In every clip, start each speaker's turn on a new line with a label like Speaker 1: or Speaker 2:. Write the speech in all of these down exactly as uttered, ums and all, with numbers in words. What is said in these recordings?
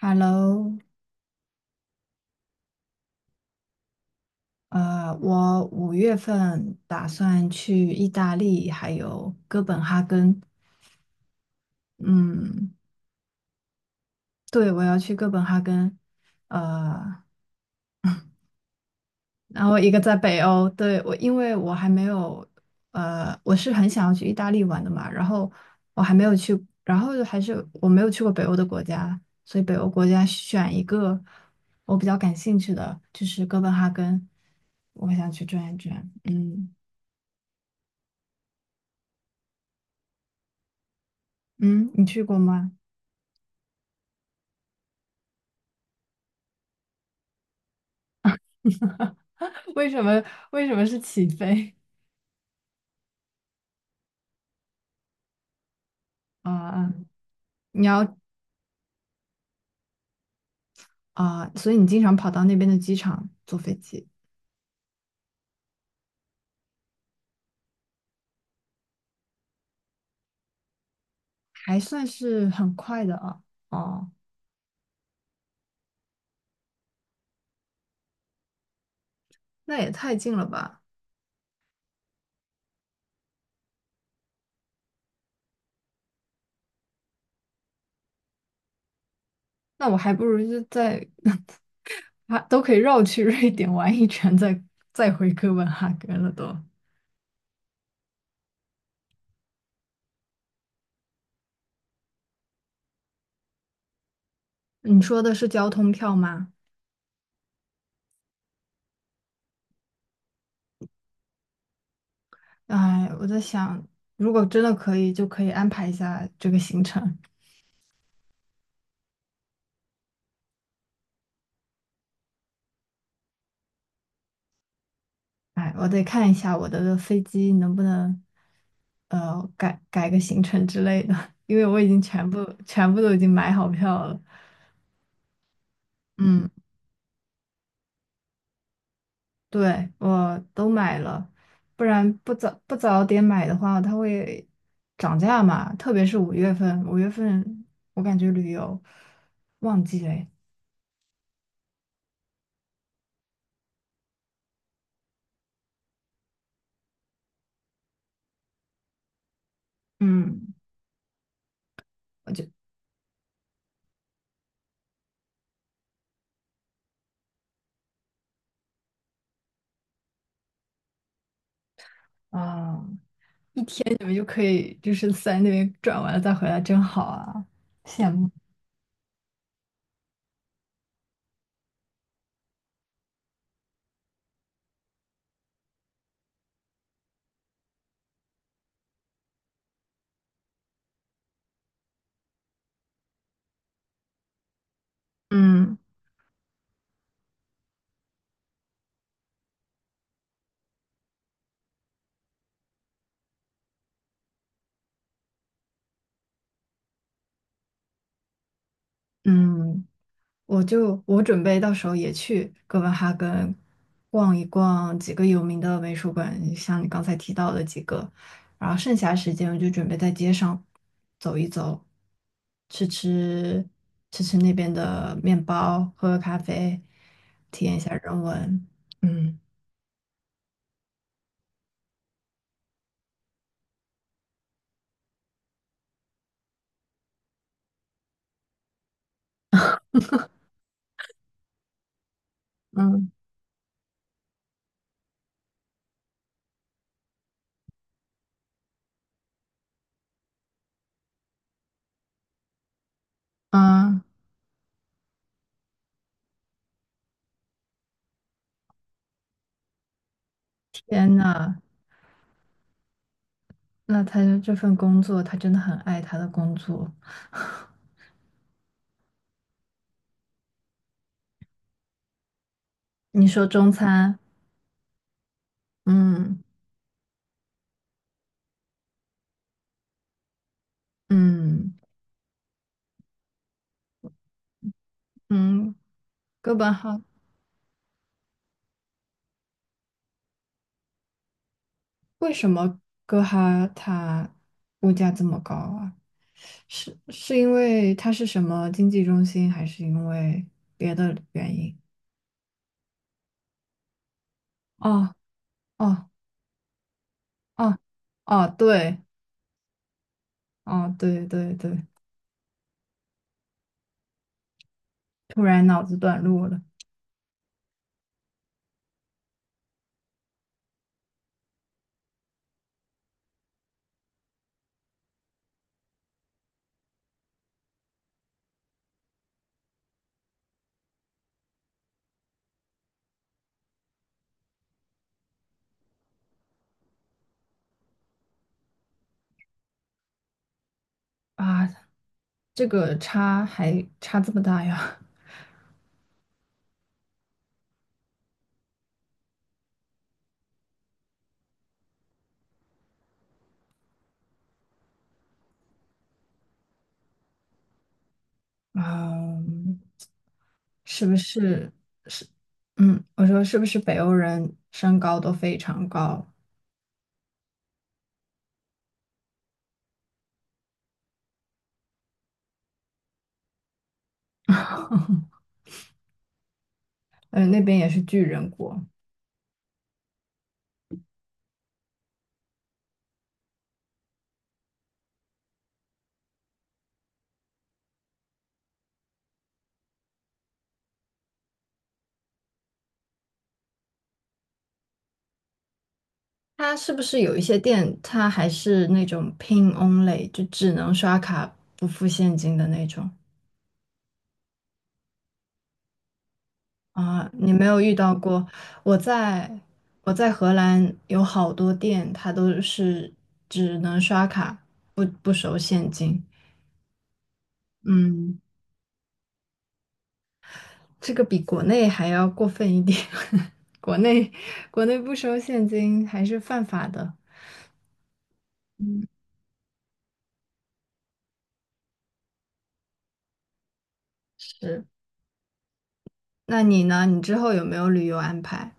Speaker 1: Hello。呃，我五月份打算去意大利，还有哥本哈根。嗯，对，我要去哥本哈根。呃，然后一个在北欧，对，我，因为我还没有，呃，我是很想要去意大利玩的嘛，然后我还没有去，然后还是我没有去过北欧的国家，所以北欧国家选一个我比较感兴趣的，就是哥本哈根，我想去转一转。嗯嗯，你去过吗？为什么为什么是起飞啊？你要啊，所以你经常跑到那边的机场坐飞机，还算是很快的啊。哦，那也太近了吧？那我还不如就在 啊，都可以绕去瑞典玩一圈，再再回哥本哈根了都。你说的是交通票吗？哎，我在想，如果真的可以，就可以安排一下这个行程。哎，我得看一下我的飞机能不能，呃，改改个行程之类的，因为我已经全部全部都已经买好票了。嗯，对，我都买了，不然不早不早点买的话，它会涨价嘛。特别是五月份，五月份我感觉旅游旺季嘞。嗯，我就啊，一天你们就可以就是在那边转完了再回来，真好啊，羡慕。嗯，嗯，我就我准备到时候也去哥本哈根逛一逛几个有名的美术馆，像你刚才提到的几个，然后剩下时间我就准备在街上走一走，吃吃吃吃那边的面包，喝喝咖啡，体验一下人文。嗯嗯嗯，天呐，那他这份工作，他真的很爱他的工作。你说中餐，嗯嗯嗯，哥本哈为什么哥哈它物价这么高啊？是是因为它是什么经济中心，还是因为别的原因？哦哦哦哦，对，哦对对对，突然脑子短路了。啊！这个差还差这么大呀？嗯，是不是是？嗯，我说是不是北欧人身高都非常高？嗯，那边也是巨人国。它是不是有一些店，它还是那种 PIN only,就只能刷卡不付现金的那种？啊？你没有遇到过？我在我在荷兰有好多店，它都是只能刷卡，不不收现金。嗯，这个比国内还要过分一点。国内国内不收现金还是犯法的。嗯，是。那你呢？你之后有没有旅游安排？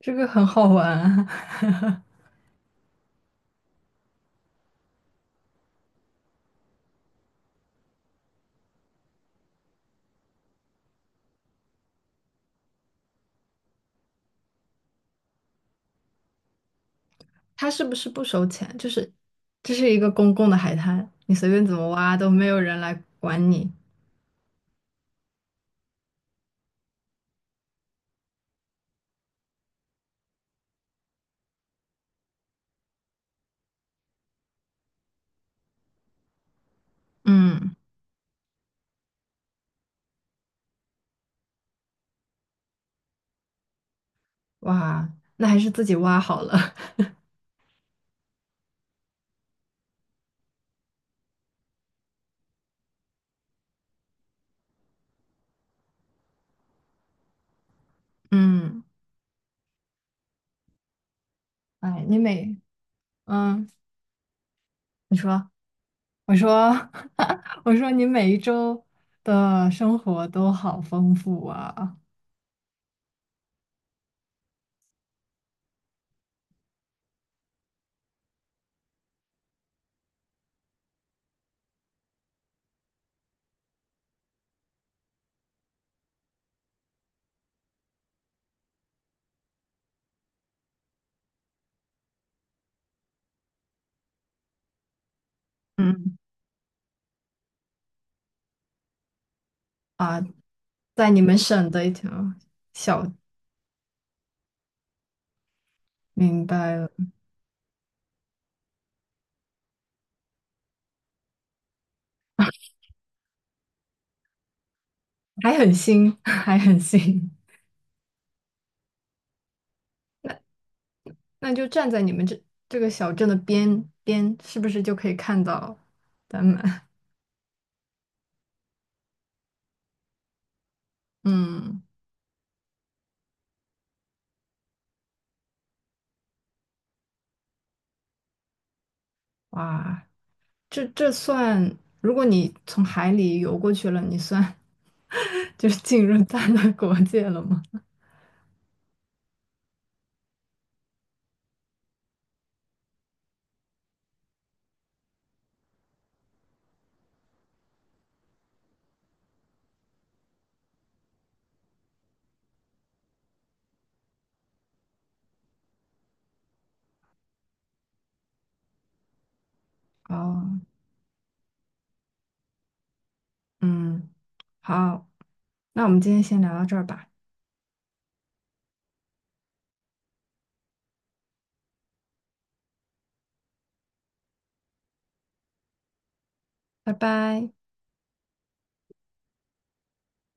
Speaker 1: 这个很好玩啊。他是不是不收钱？就是这是一个公共的海滩，你随便怎么挖都没有人来管你。嗯，哇，那还是自己挖好了。嗯，哎，你每嗯，你说，我说，我说你每一周的生活都好丰富啊。嗯，啊，在你们省的一条小，明白了，还很新，还很新。那就站在你们这这个小镇的边边，是不是就可以看到丹麦？嗯，哇，这这算，如果你从海里游过去了，你算 就是进入丹麦国界了吗？哦，嗯，好，那我们今天先聊到这儿吧，拜拜。